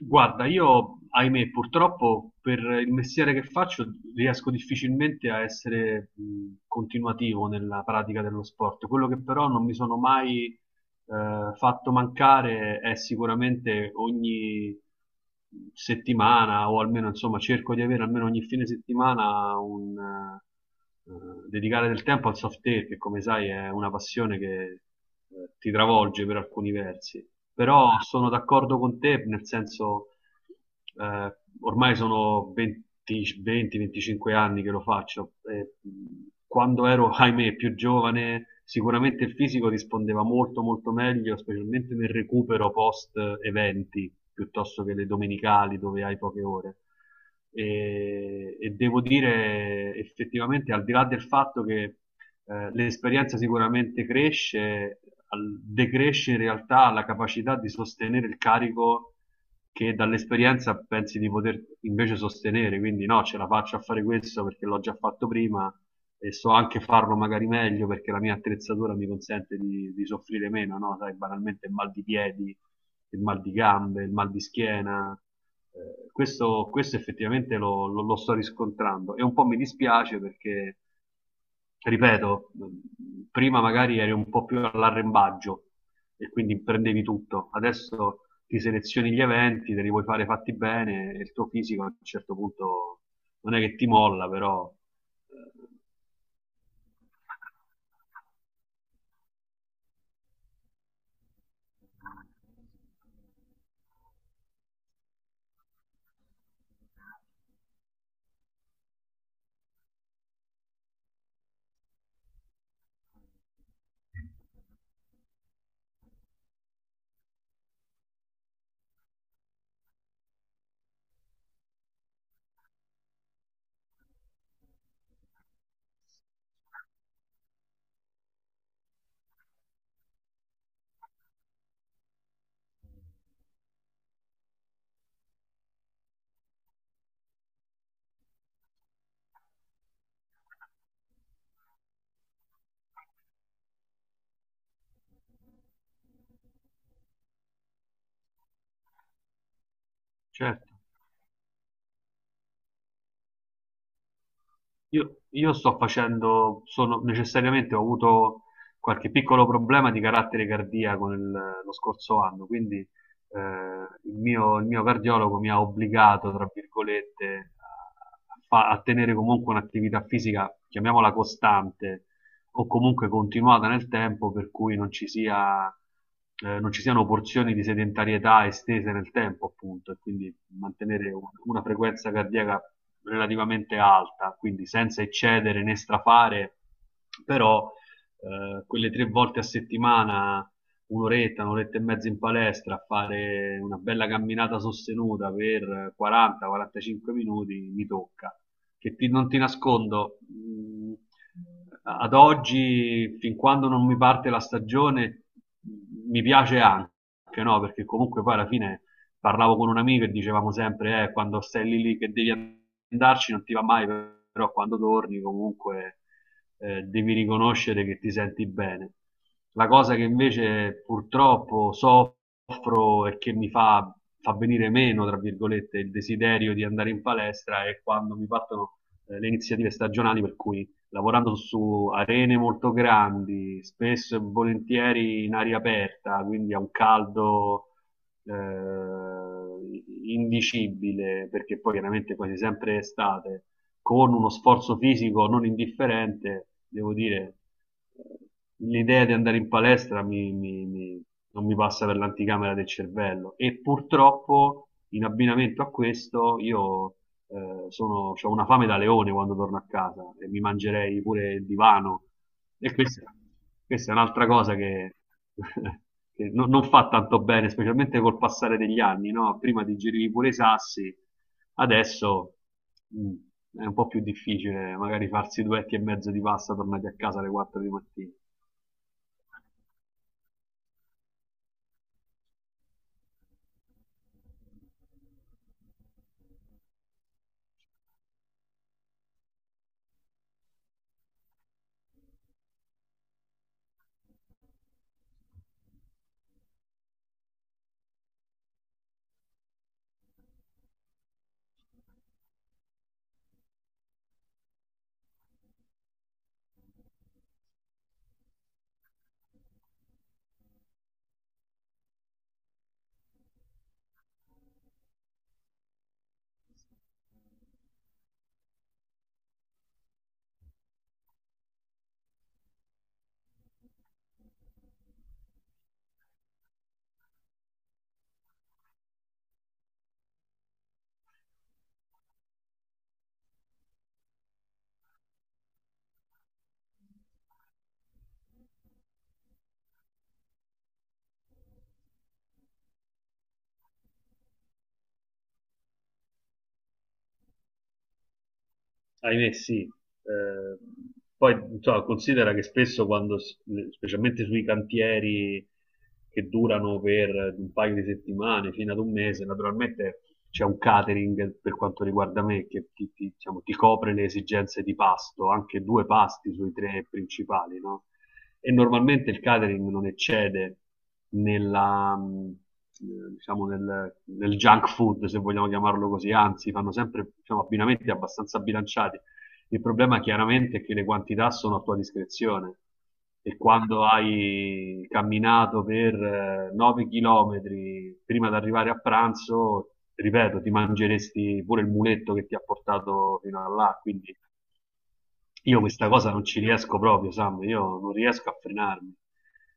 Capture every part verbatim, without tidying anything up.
Guarda, io, ahimè, purtroppo per il mestiere che faccio riesco difficilmente a essere mh, continuativo nella pratica dello sport. Quello che però non mi sono mai eh, fatto mancare è sicuramente ogni settimana o almeno insomma cerco di avere almeno ogni fine settimana un eh, dedicare del tempo al soft air che come sai è una passione che eh, ti travolge per alcuni versi. Però sono d'accordo con te nel senso eh, ormai sono venti venticinque anni che lo faccio. e, mh, quando ero, ahimè, più giovane, sicuramente il fisico rispondeva molto, molto meglio, specialmente nel recupero post eventi, piuttosto che le domenicali dove hai poche ore. E, e devo dire, effettivamente, al di là del fatto che eh, l'esperienza sicuramente cresce, al- decresce in realtà la capacità di sostenere il carico che dall'esperienza pensi di poter invece sostenere, quindi no, ce la faccio a fare questo perché l'ho già fatto prima e so anche farlo magari meglio perché la mia attrezzatura mi consente di, di soffrire meno, no? Sai, banalmente il mal di piedi, il mal di gambe, il mal di schiena. Eh, questo, questo effettivamente lo, lo- lo sto riscontrando e un po' mi dispiace perché cioè, ripeto, prima magari eri un po' più all'arrembaggio e quindi prendevi tutto, adesso ti selezioni gli eventi, te li vuoi fare fatti bene e il tuo fisico a un certo punto non è che ti molla, però eh, certo. Io, io sto facendo, sono necessariamente ho avuto qualche piccolo problema di carattere cardiaco nel- lo scorso anno, quindi eh, il mio, il mio cardiologo mi ha obbligato, tra virgolette, a, fa- a tenere comunque un'attività fisica, chiamiamola costante, o comunque continuata nel tempo, per cui non ci sia, eh, non ci siano porzioni di sedentarietà estese nel tempo, appunto, e quindi mantenere un- una frequenza cardiaca relativamente alta, quindi senza eccedere né strafare, però eh, quelle tre volte a settimana, un'oretta, un'oretta e mezza in palestra, a fare una bella camminata sostenuta per quaranta a quarantacinque minuti mi tocca. Che ti- non ti nascondo, mh, ad oggi, fin quando non mi parte la stagione, mi piace anche, no? Perché comunque poi alla fine parlavo con un amico e dicevamo sempre, eh, quando stai lì lì che devi andarci non ti va mai, però quando torni comunque eh, devi riconoscere che ti senti bene. La cosa che invece purtroppo soffro e che mi fa, fa venire meno, tra virgolette, il desiderio di andare in palestra è quando mi partono eh, le iniziative stagionali per cui lavorando su arene molto grandi, spesso e volentieri in aria aperta, quindi a un caldo eh, indicibile, perché poi chiaramente quasi sempre estate con uno sforzo fisico non indifferente, devo dire, l'idea di andare in palestra mi- mi- mi- non mi passa per l'anticamera del cervello. E purtroppo, in abbinamento a questo, io eh, sono, ho una fame da leone quando torno a casa e mi mangerei pure il divano. E questa, questa è un'altra cosa che, che non, non fa tanto bene, specialmente col passare degli anni, no? Prima digerivi pure i sassi, adesso. Mm. È un po' più difficile magari farsi duetti e mezzo di pasta tornati a casa alle quattro di mattina. Ahimè, sì. Eh, poi insomma, considera che spesso quando, s- specialmente sui cantieri che durano per un paio di settimane fino ad un mese, naturalmente c'è un catering per quanto riguarda me che ti, ti- diciamo, ti copre le esigenze di pasto, anche due pasti sui tre principali, no? E normalmente il catering non eccede nella, mh, eh, diciamo nel, nel junk food, se vogliamo chiamarlo così, anzi fanno sempre diciamo, abbinamenti abbastanza bilanciati. Il problema chiaramente è che le quantità sono a tua discrezione e quando hai camminato per nove chilometri prima di arrivare a pranzo, ripeto, ti mangeresti pure il muletto che ti ha portato fino a là, quindi io questa cosa non ci riesco proprio, Sam, io non riesco a frenarmi.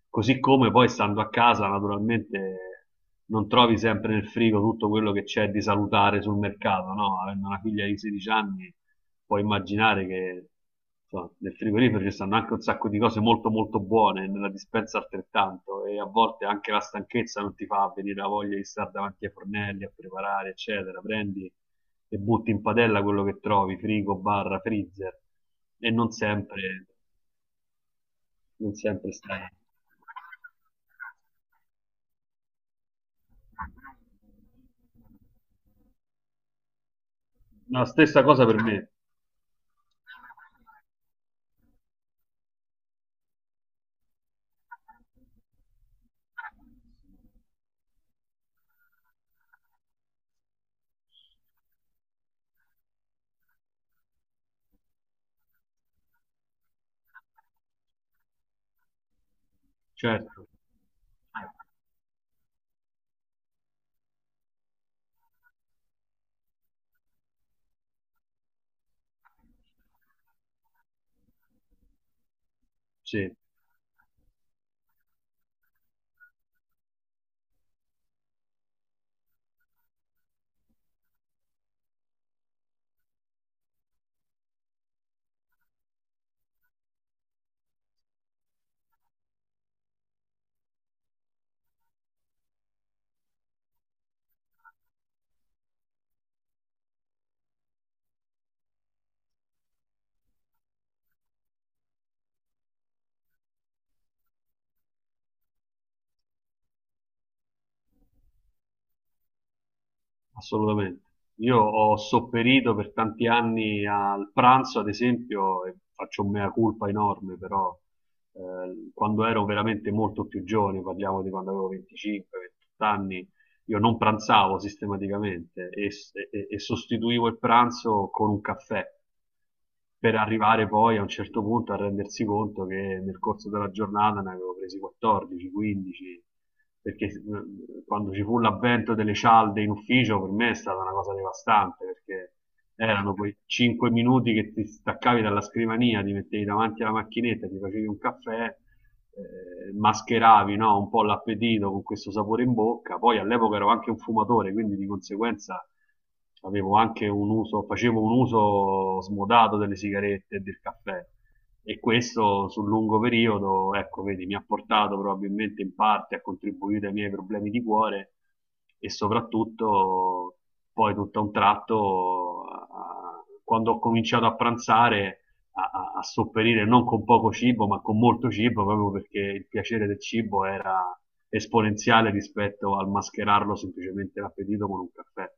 Così come poi stando a casa, naturalmente non trovi sempre nel frigo tutto quello che c'è di salutare sul mercato, no? Avendo una figlia di sedici anni, puoi immaginare che insomma, nel frigorifero ci stanno anche un sacco di cose molto molto buone, nella dispensa altrettanto, e a volte anche la stanchezza non ti fa venire la voglia di stare davanti ai fornelli a preparare, eccetera. Prendi e butti in padella quello che trovi, frigo, barra, freezer, e non sempre, non sempre stai. La stessa cosa per me, certo, sì. Assolutamente. Io ho sopperito per tanti anni al pranzo, ad esempio, e faccio un mea culpa enorme, però eh, quando ero veramente molto più giovane, parliamo di quando avevo venticinque a ventotto anni, io non pranzavo sistematicamente e, e- e sostituivo il pranzo con un caffè per arrivare poi a un certo punto a rendersi conto che nel corso della giornata ne avevo presi quattordici, quindici, perché mh, quando ci fu l'avvento delle cialde in ufficio per me è stata una cosa devastante, perché erano quei cinque minuti che ti staccavi dalla scrivania, ti mettevi davanti alla macchinetta, ti facevi un caffè, eh, mascheravi no, un po' l'appetito con questo sapore in bocca, poi all'epoca ero anche un fumatore, quindi di conseguenza avevo anche un uso, facevo un uso smodato delle sigarette e del caffè e questo sul lungo periodo, ecco, vedi, mi ha portato probabilmente in parte a contribuire ai miei problemi di cuore e soprattutto poi tutto a un tratto, a- quando ho cominciato a pranzare, a, a- a sopperire non con poco cibo, ma con molto cibo, proprio perché il piacere del cibo era esponenziale rispetto al mascherarlo semplicemente l'appetito con un caffè.